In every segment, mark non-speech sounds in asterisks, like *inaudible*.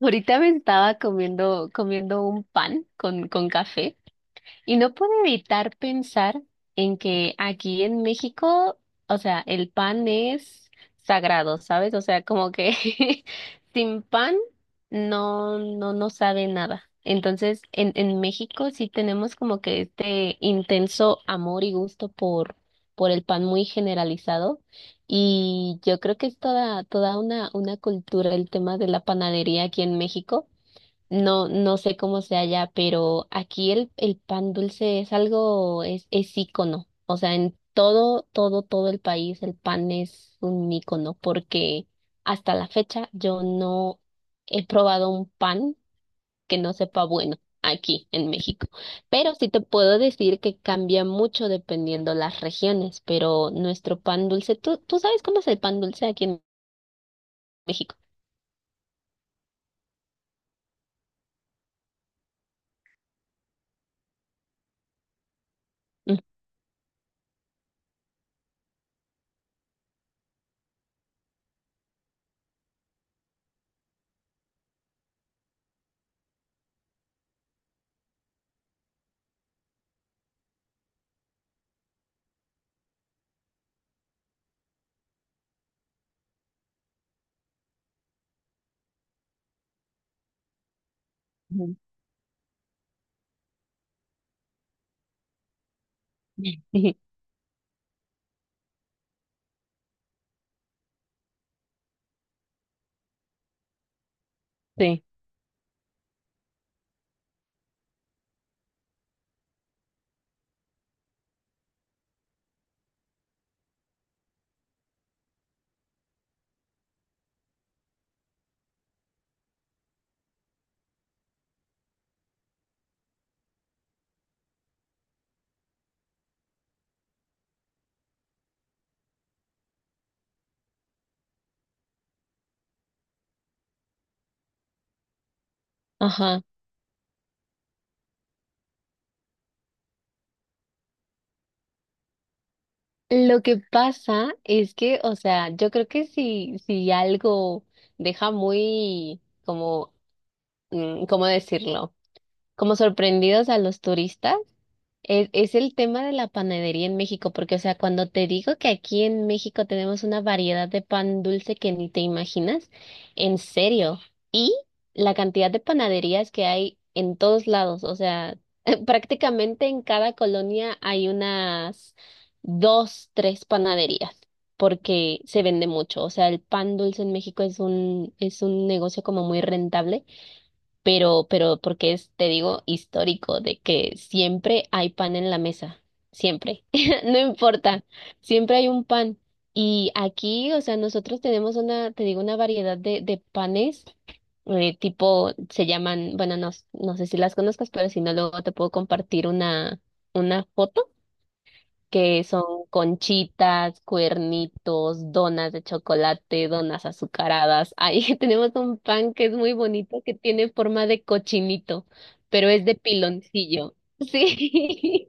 Ahorita me estaba comiendo un pan con café. Y no puedo evitar pensar en que aquí en México, o sea, el pan es sagrado, ¿sabes? O sea, como que *laughs* sin pan no sabe nada. Entonces, en México sí tenemos como que este intenso amor y gusto por el pan muy generalizado. Y yo creo que es toda una cultura el tema de la panadería aquí en México. No, no sé cómo sea allá, pero aquí el pan dulce es algo, es ícono. O sea, en todo, todo, todo el país el pan es un ícono, porque hasta la fecha yo no he probado un pan que no sepa bueno aquí en México. Pero sí te puedo decir que cambia mucho dependiendo las regiones, pero nuestro pan dulce, ¿tú sabes cómo es el pan dulce aquí en México? Ujú. *laughs* Sí. Ajá. Lo que pasa es que, o sea, yo creo que si algo deja muy, como, ¿cómo decirlo? Como sorprendidos a los turistas. Es el tema de la panadería en México, porque, o sea, cuando te digo que aquí en México tenemos una variedad de pan dulce que ni te imaginas, en serio, y la cantidad de panaderías que hay en todos lados, o sea, *laughs* prácticamente en cada colonia hay unas dos, tres panaderías, porque se vende mucho, o sea, el pan dulce en México es un negocio como muy rentable, pero porque es, te digo, histórico, de que siempre hay pan en la mesa, siempre, *laughs* no importa, siempre hay un pan. Y aquí, o sea, nosotros tenemos una, te digo, una variedad de panes, tipo, se llaman, bueno, no, no sé si las conozcas, pero si no, luego te puedo compartir una foto, que son conchitas, cuernitos, donas de chocolate, donas azucaradas. Ahí *laughs* tenemos un pan que es muy bonito, que tiene forma de cochinito, pero es de piloncillo. Sí.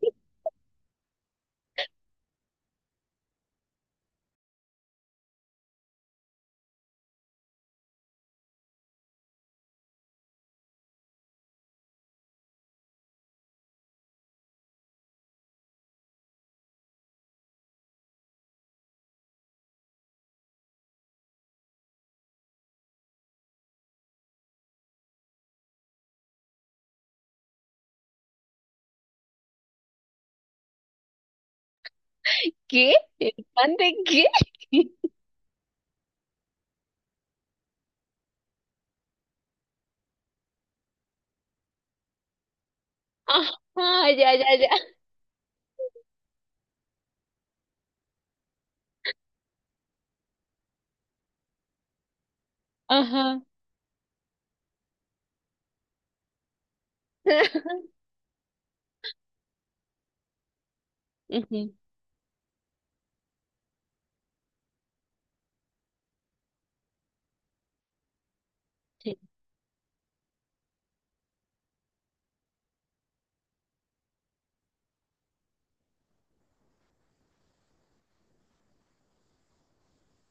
*laughs* ¿Qué? ¿El pan de qué? *laughs* Ajá, ya, ya, ya. Ajá. *laughs* Ujú, sí,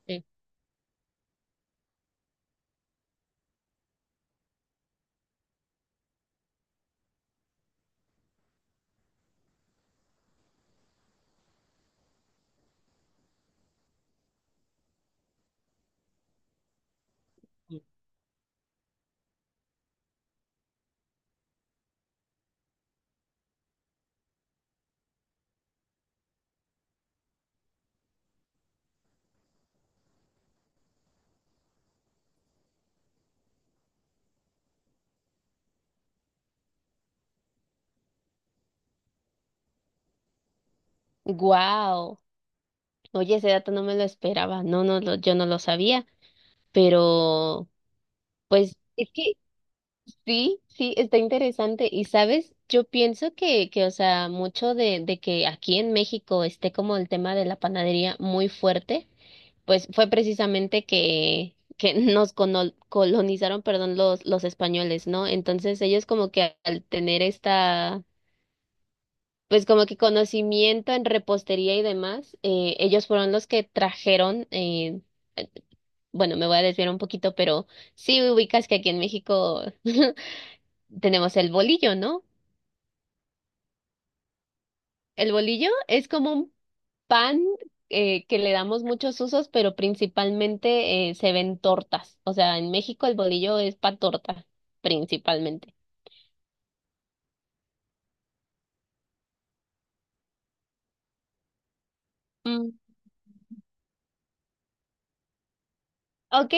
sí. Wow. Oye, ese dato no me lo esperaba. No, no, yo no lo sabía, pero pues es que, sí, sí, está interesante. Y sabes, yo pienso que, o sea, mucho de que aquí en México esté como el tema de la panadería muy fuerte, pues fue precisamente que *laughs* colonizaron, perdón, los españoles, ¿no? Entonces ellos como que al tener esta, pues como que conocimiento en repostería y demás, ellos fueron los que trajeron, eh, bueno, me voy a desviar un poquito, pero sí ubicas que aquí en México *laughs* tenemos el bolillo, ¿no? El bolillo es como un pan, que le damos muchos usos, pero principalmente, se ven tortas. O sea, en México el bolillo es para torta, principalmente. Mm, ok,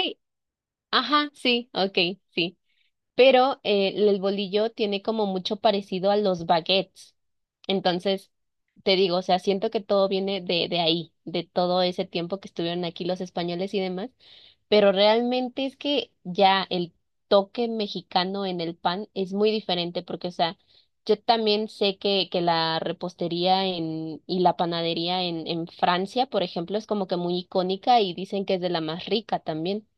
ajá, sí, ok, sí. Pero, el bolillo tiene como mucho parecido a los baguettes. Entonces, te digo, o sea, siento que todo viene de ahí, de todo ese tiempo que estuvieron aquí los españoles y demás, pero realmente es que ya el toque mexicano en el pan es muy diferente porque, o sea, yo también sé que la repostería y la panadería en Francia, por ejemplo, es como que muy icónica y dicen que es de la más rica también.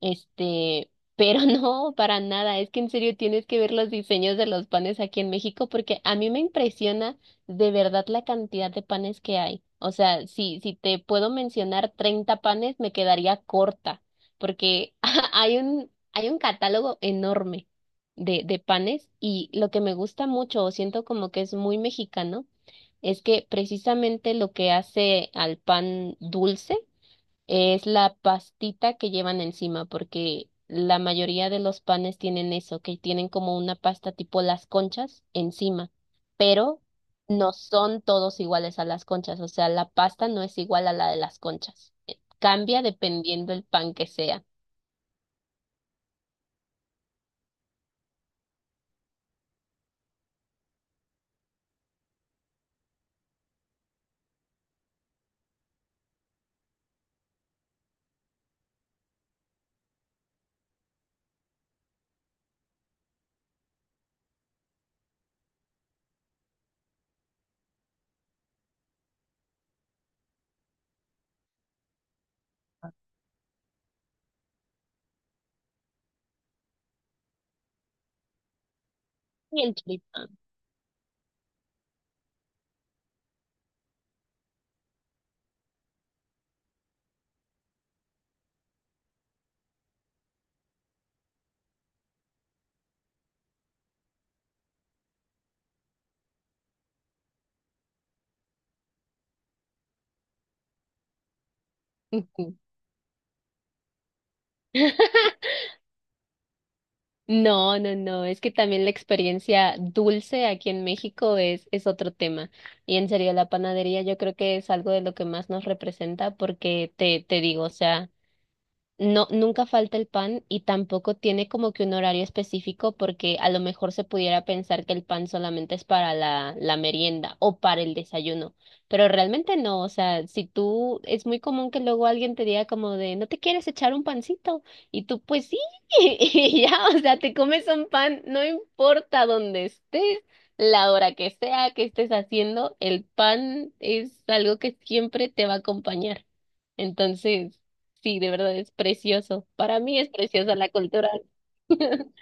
Este, pero *laughs* no, para nada. Es que en serio tienes que ver los diseños de los panes aquí en México porque a mí me impresiona de verdad la cantidad de panes que hay. O sea, si te puedo mencionar 30 panes, me quedaría corta porque *laughs* hay un catálogo enorme de panes, y lo que me gusta mucho o siento como que es muy mexicano es que precisamente lo que hace al pan dulce es la pastita que llevan encima, porque la mayoría de los panes tienen eso, que tienen como una pasta tipo las conchas encima, pero no son todos iguales a las conchas, o sea, la pasta no es igual a la de las conchas. Cambia dependiendo el pan que sea. Y el choripán. Ujú. *laughs* No, no, no, es que también la experiencia dulce aquí en México es otro tema. Y en serio, la panadería yo creo que es algo de lo que más nos representa porque te digo, o sea. No, nunca falta el pan y tampoco tiene como que un horario específico porque a lo mejor se pudiera pensar que el pan solamente es para la merienda o para el desayuno, pero realmente no, o sea, si tú, es muy común que luego alguien te diga como de, ¿no te quieres echar un pancito? Y tú, pues sí, *laughs* y ya, o sea, te comes un pan, no importa dónde estés, la hora que sea que estés haciendo, el pan es algo que siempre te va a acompañar. Entonces. Sí, de verdad es precioso. Para mí es preciosa la cultura. *laughs*